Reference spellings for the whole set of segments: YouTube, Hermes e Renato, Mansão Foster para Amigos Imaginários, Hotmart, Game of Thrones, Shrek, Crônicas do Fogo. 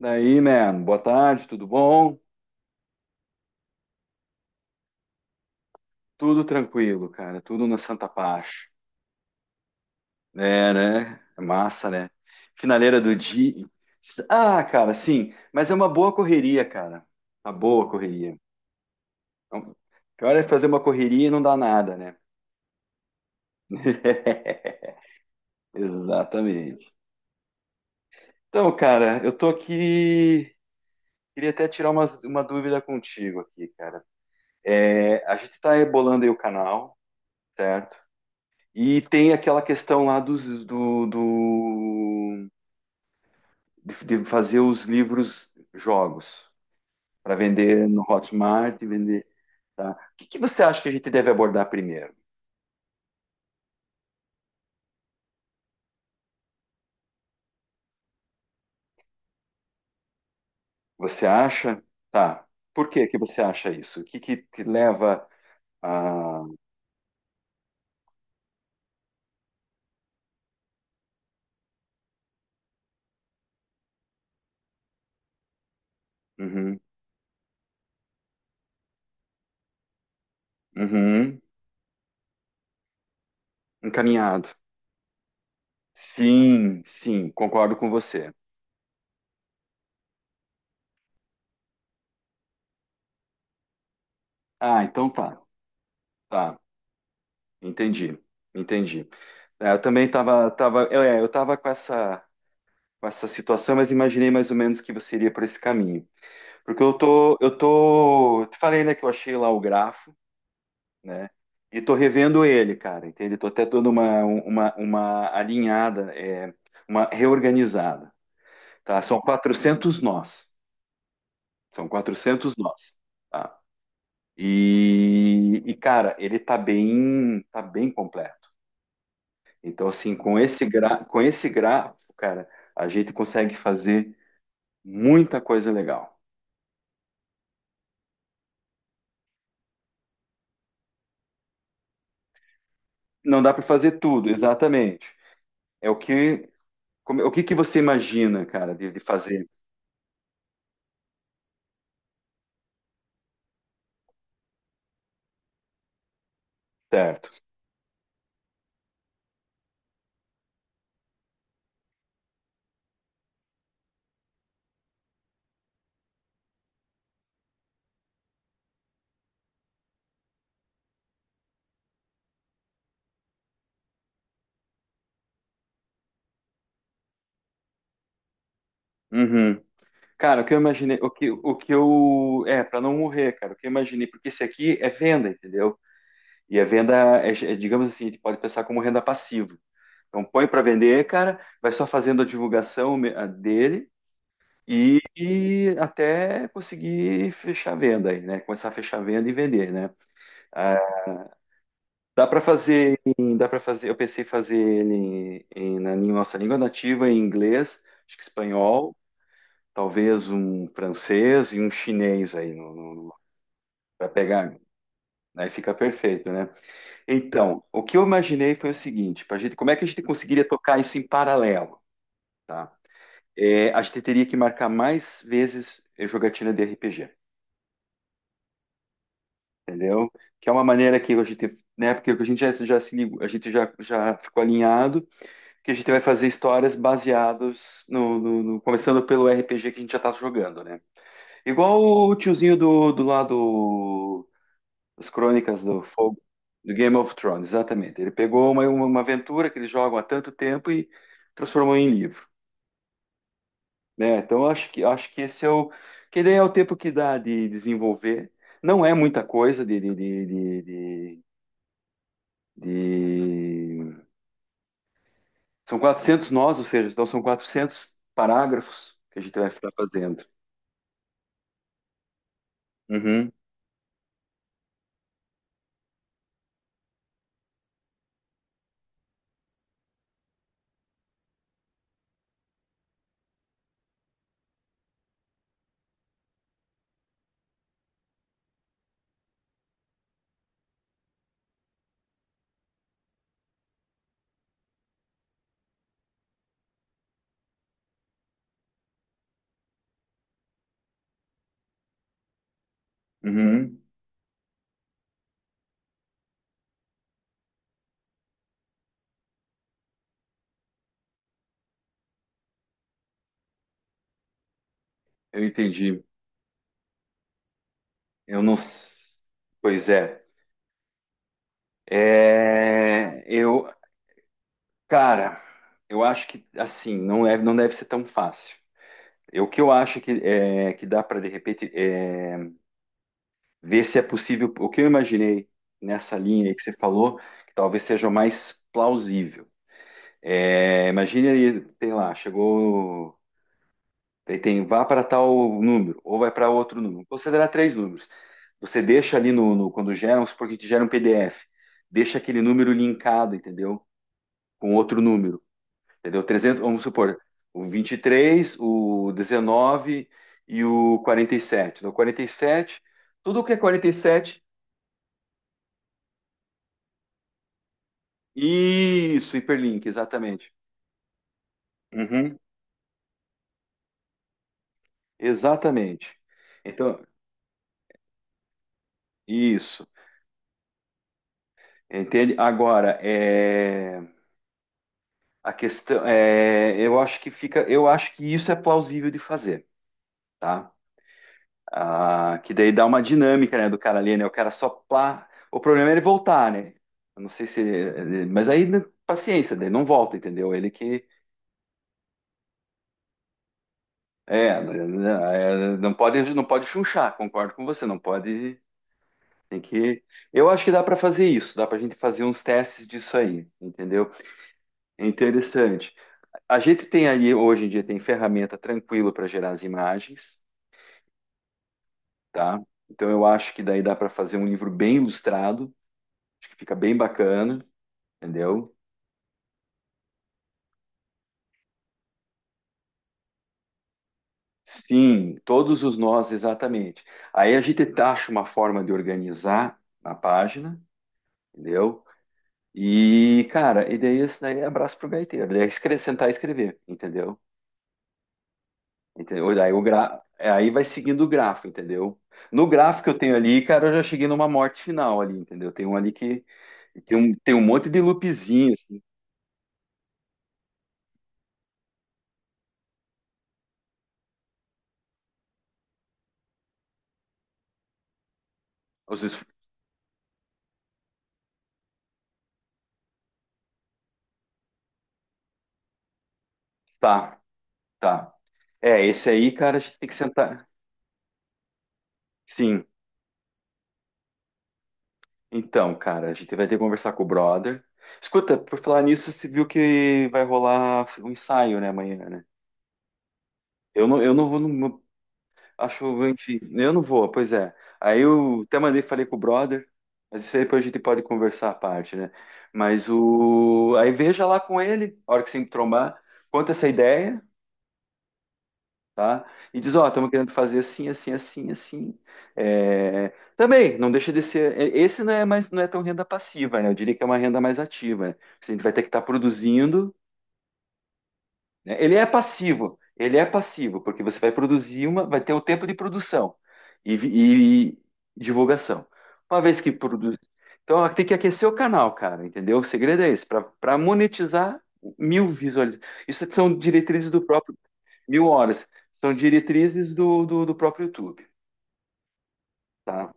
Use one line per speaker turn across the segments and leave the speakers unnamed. Daí, man, boa tarde, tudo bom? Tudo tranquilo, cara, tudo na Santa Paz. É, né? É massa, né? Finaleira do dia. Ah, cara, sim, mas é uma boa correria, cara. Uma boa correria. Então, pior é fazer uma correria e não dá nada, né? Exatamente. Então, cara, eu tô aqui. Queria até tirar uma dúvida contigo aqui, cara. É, a gente tá rebolando aí o canal, certo? E tem aquela questão lá dos, do, do- de fazer os livros jogos para vender no Hotmart e vender. Tá? O que você acha que a gente deve abordar primeiro? Você acha? Tá. Por que que você acha isso? O que que te leva a. Uhum. Uhum. Encaminhado. Sim, sim, concordo com você. Ah, então tá, tá, entendi, entendi. É, eu também tava eu tava com essa situação, mas imaginei mais ou menos que você iria por esse caminho. Porque eu tô, te falei, né, que eu achei lá o grafo, né? E tô revendo ele, cara, entende? Tô até dando uma alinhada, uma reorganizada, tá? São 400 nós, são 400 nós, tá? E, cara, ele tá bem completo. Então, assim, com esse grafo, cara, a gente consegue fazer muita coisa legal. Não dá para fazer tudo, exatamente. É o que, o que que você imagina, cara, de fazer, certo? Uhum. Cara, o que eu imaginei, o que eu, é, para não morrer, cara, o que eu imaginei, porque esse aqui é venda, entendeu? E a venda é, digamos assim, a gente pode pensar como renda passiva. Então põe para vender, cara, vai só fazendo a divulgação a dele e até conseguir fechar a venda aí, né? Começar a fechar a venda e vender, né? Ah, dá para fazer, dá para fazer. Eu pensei em fazer ele na nossa língua nativa, em inglês, acho que espanhol, talvez um francês e um chinês aí no, no, para pegar. Aí fica perfeito, né? Então, o que eu imaginei foi o seguinte: para gente, como é que a gente conseguiria tocar isso em paralelo, tá? É, a gente teria que marcar mais vezes jogatina de RPG, entendeu? Que é uma maneira que a gente, né? Porque a gente já se ligou, a gente já ficou alinhado que a gente vai fazer histórias baseadas no, começando pelo RPG que a gente já tá jogando, né? Igual o tiozinho do lado das Crônicas do Fogo, do Game of Thrones, exatamente. Ele pegou uma aventura que eles jogam há tanto tempo e transformou em livro, né? Então eu acho que esse é o que daí é o tempo que dá de desenvolver. Não é muita coisa de- São 400 nós, ou seja, então são 400 parágrafos que a gente vai ficar fazendo. Uhum. Uhum. Eu entendi. Eu não. Pois é. É, eu, cara, eu acho que assim não é, não deve ser tão fácil. O que eu acho que é que dá para de repente é, ver se é possível. O que eu imaginei nessa linha aí que você falou, que talvez seja o mais plausível. É, imagine aí, sei lá, chegou. Daí tem vá para tal número, ou vai para outro número. Você considerar três números. Você deixa ali no, quando gera, vamos supor que te gera um PDF, deixa aquele número linkado, entendeu? Com outro número, entendeu? 300 vamos supor, o 23 o 19 e o 47. Então, 47 tudo que é 47 isso, hiperlink, exatamente. Uhum, exatamente. Então, isso, entende? Agora, a questão é, eu acho que isso é plausível de fazer, tá? Ah, que daí dá uma dinâmica, né, do cara ali, né? O cara só plá. O problema é ele voltar, né? Eu não sei se, mas aí né, paciência, daí não volta, entendeu? Ele que é, né, é, não pode, não pode chunchar, concordo com você, não pode, tem que. Eu acho que dá para fazer isso, dá para a gente fazer uns testes disso aí, entendeu? É interessante. A gente tem aí hoje em dia tem ferramenta tranquilo para gerar as imagens, tá? Então eu acho que daí dá para fazer um livro bem ilustrado, acho que fica bem bacana, entendeu? Sim, todos os nós, exatamente. Aí a gente taxa uma forma de organizar na página, entendeu? E, cara, e daí esse daí é abraço pro gaiteiro. Ele é sentar e escrever, entendeu? Entendeu? Daí aí vai seguindo o grafo, entendeu? No gráfico que eu tenho ali, cara, eu já cheguei numa morte final ali, entendeu? Tem um ali que tem um monte de loopzinho, assim. Os es- Tá, tá. É, esse aí, cara, a gente tem que sentar. Sim. Então, cara, a gente vai ter que conversar com o brother. Escuta, por falar nisso, você viu que vai rolar um ensaio, né, amanhã, né? Eu não vou, não, acho, enfim, eu não vou, pois é. Aí eu até mandei, falei com o brother, mas isso aí depois a gente pode conversar à parte, né? Aí veja lá com ele, a hora que você trombar, conta essa ideia, tá? E diz, ó, estamos querendo fazer assim, assim, assim, assim. É, também, não deixa de ser, esse não é mais, não é tão renda passiva, né? Eu diria que é uma renda mais ativa, né? Porque a gente vai ter que estar produzindo, né? Ele é passivo, porque você vai produzir vai ter o tempo de produção e divulgação. Uma vez que produz. Então tem que aquecer o canal, cara, entendeu? O segredo é esse, para monetizar 1.000 visualizações. Isso são diretrizes do próprio. 1.000 horas. São diretrizes do próprio YouTube, tá?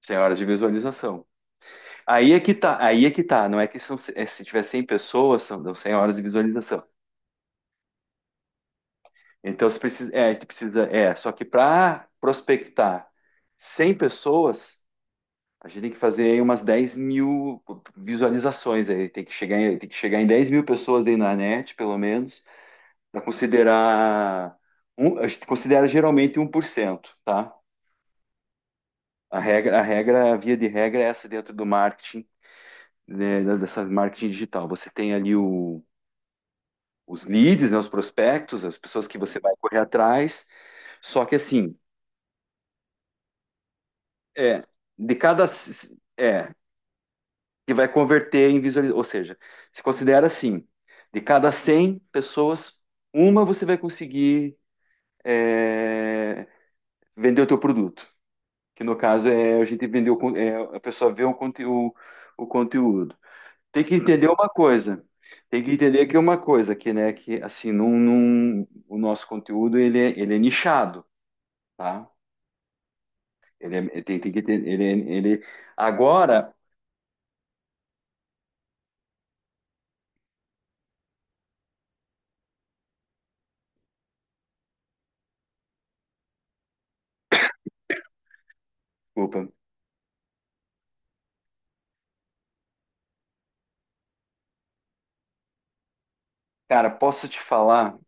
100 horas de visualização. Aí é que tá, aí é que tá. Não é que são, é, se tiver 100 pessoas, são, dão 100 horas de visualização. Então a gente precisa, só que para prospectar 100 pessoas, a gente tem que fazer aí umas 10.000 visualizações aí, tem que chegar em 10.000 pessoas aí na net, pelo menos, para considerar, um, a gente considera geralmente 1%, tá? A regra, a regra, a via de regra é essa dentro do marketing, né, dessa marketing digital. Você tem ali os leads, né, os prospectos, as pessoas que você vai correr atrás, só que assim, É, é, que vai converter em visualização. Ou seja, se considera assim: de cada 100 pessoas, uma você vai conseguir é, vender o teu produto. Que no caso é a gente vendeu a pessoa vê o conteúdo. Tem que entender uma coisa. Tem que entender que é uma coisa que, né, que assim, o nosso conteúdo ele é nichado, tá? Tem, tem que ter, ele agora, opa. Cara, posso te falar,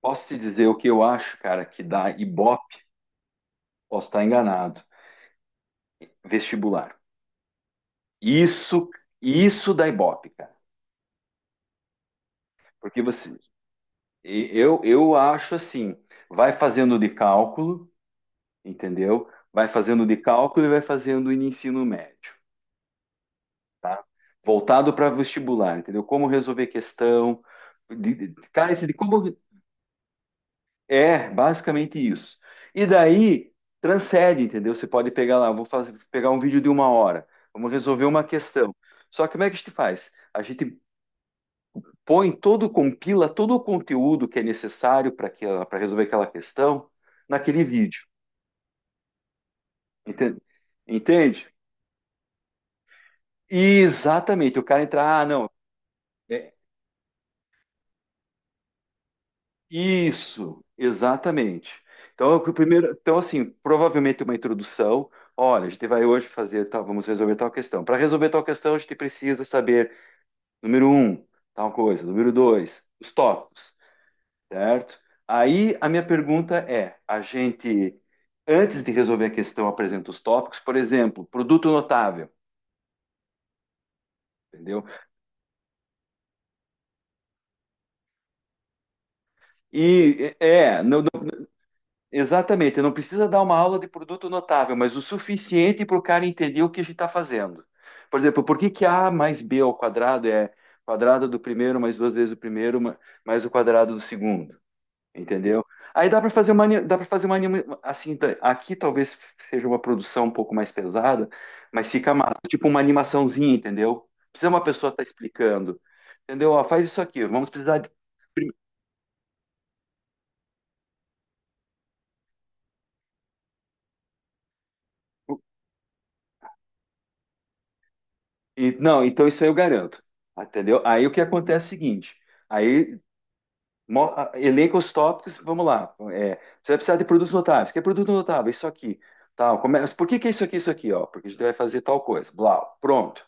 posso te dizer o que eu acho, cara, que dá Ibope, posso estar enganado, vestibular. Isso, isso dá Ibope, cara. Porque eu acho assim, vai fazendo de cálculo, entendeu? Vai fazendo de cálculo e vai fazendo em ensino médio, tá? Voltado para vestibular, entendeu? Como resolver questão, de, cara, esse de como é, basicamente isso. E daí, transcende, entendeu? Você pode pegar lá, vou fazer, pegar um vídeo de uma hora, vamos resolver uma questão. Só que como é que a gente faz? A gente põe todo, compila todo o conteúdo que é necessário para resolver aquela questão naquele vídeo. Entende? Entende? E Exatamente. O cara entra, ah, não. é, Isso, exatamente. Então, o que o primeiro, então assim, provavelmente uma introdução. Olha, a gente vai hoje fazer tal, vamos resolver tal questão. Para resolver tal questão, a gente precisa saber, número um, tal coisa, número dois, os tópicos, certo? Aí a minha pergunta é: a gente, antes de resolver a questão, apresenta os tópicos, por exemplo, produto notável, entendeu? E, não, exatamente, não precisa dar uma aula de produto notável, mas o suficiente para o cara entender o que a gente está fazendo. Por exemplo, por que que A mais B ao quadrado é quadrado do primeiro mais duas vezes o primeiro mais o quadrado do segundo, entendeu? Aí dá para fazer uma, assim, aqui talvez seja uma produção um pouco mais pesada, mas fica massa, tipo uma animaçãozinha, entendeu? Precisa uma pessoa estar explicando, entendeu? Ó, faz isso aqui, vamos precisar de. Não, então isso aí eu garanto, entendeu? Aí o que acontece é o seguinte, aí elenca os tópicos, vamos lá, é, você vai precisar de produtos notáveis, que é produto notável, isso aqui, tal, começa, por que que é isso aqui, ó, porque a gente vai fazer tal coisa, blau, pronto,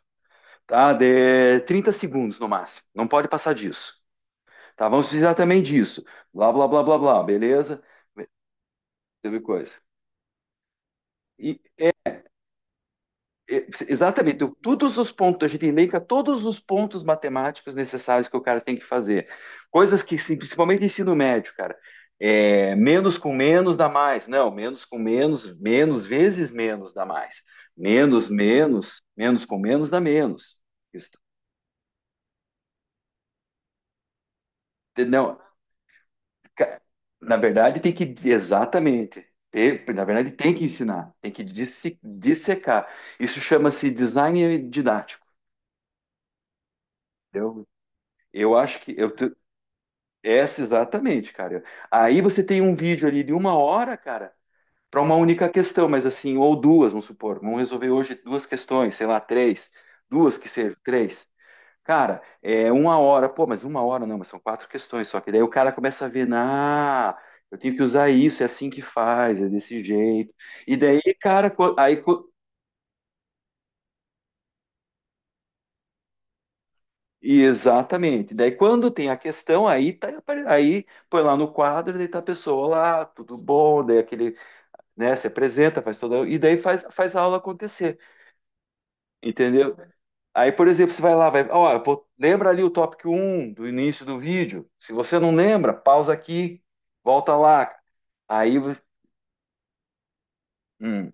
tá, de 30 segundos no máximo, não pode passar disso, tá, vamos precisar também disso, blá, blá, blá, blá, blá, beleza, teve coisa. Exatamente, todos os pontos, a gente elenca todos os pontos matemáticos necessários que o cara tem que fazer. Coisas que, sim, principalmente ensino médio, cara, é, menos com menos dá mais. Não, menos com menos, menos vezes menos dá mais. Menos, menos, menos com menos dá menos. Isso- Não, ca- na verdade tem que, exatamente. Na verdade tem que ensinar, tem que dissecar. Isso chama-se design didático, entendeu? Eu acho que eu, Essa, exatamente, cara. Aí você tem um vídeo ali de uma hora, cara, para uma única questão, mas assim, ou duas, vamos supor, vamos resolver hoje duas questões, sei lá, três, duas que sejam, três. Cara, é uma hora, pô, mas uma hora não, mas são quatro questões só, que daí o cara começa a ver, ah, eu tenho que usar isso, é assim que faz, é desse jeito. E daí, cara, e exatamente. Daí quando tem a questão, aí tá, aí põe lá no quadro, daí tá a pessoa lá, tudo bom, daí aquele né? Se apresenta, faz toda e daí faz, a aula acontecer, entendeu? Aí, por exemplo, você vai lá, vai, ó, lembra ali o tópico um do início do vídeo. Se você não lembra, pausa aqui, volta lá. Aí, hum,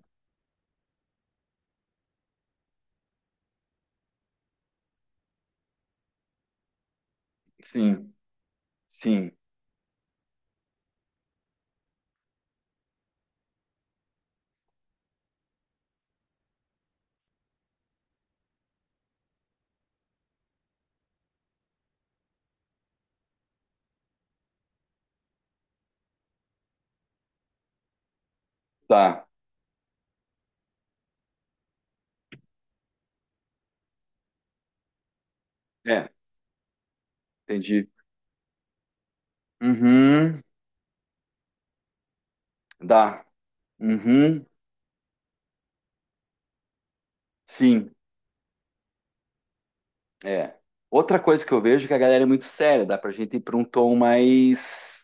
sim, sim, tá. É, entendi. Uhum, dá. Uhum, sim, é. Outra coisa que eu vejo é que a galera é muito séria, dá pra gente ir para um tom mais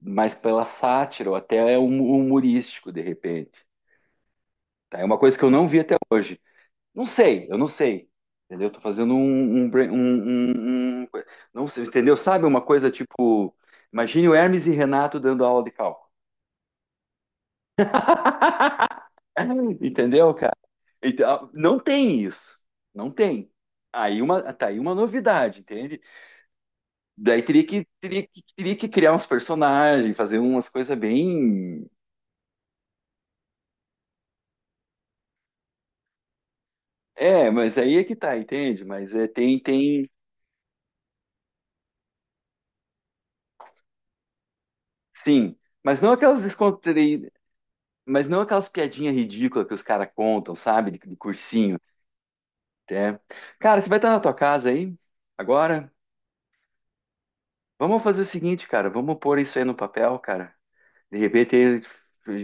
mais pela sátira ou até humorístico de repente. Tá? É uma coisa que eu não vi até hoje. Não sei, eu não sei. Entendeu? Tô fazendo um, um, brain- um- um- um- Não sei, entendeu? Sabe uma coisa tipo. Imagine o Hermes e Renato dando aula de cálculo. Entendeu, cara? Então, não tem isso. Não tem. Aí tá aí uma novidade, entende? Daí teria que criar uns personagens, fazer umas coisas bem. É, mas aí é que tá, entende? Mas é, tem, tem. Sim. Mas não aquelas descontraí. Mas não aquelas piadinhas ridículas que os caras contam, sabe? De cursinho, até. Cara, você vai estar na tua casa aí? Agora? Vamos fazer o seguinte, cara. Vamos pôr isso aí no papel, cara. De repente,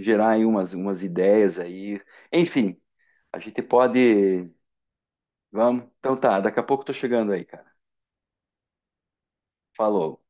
gerar aí umas ideias aí. Enfim, a gente pode. Vamos? Então tá, daqui a pouco eu tô chegando aí, cara. Falou.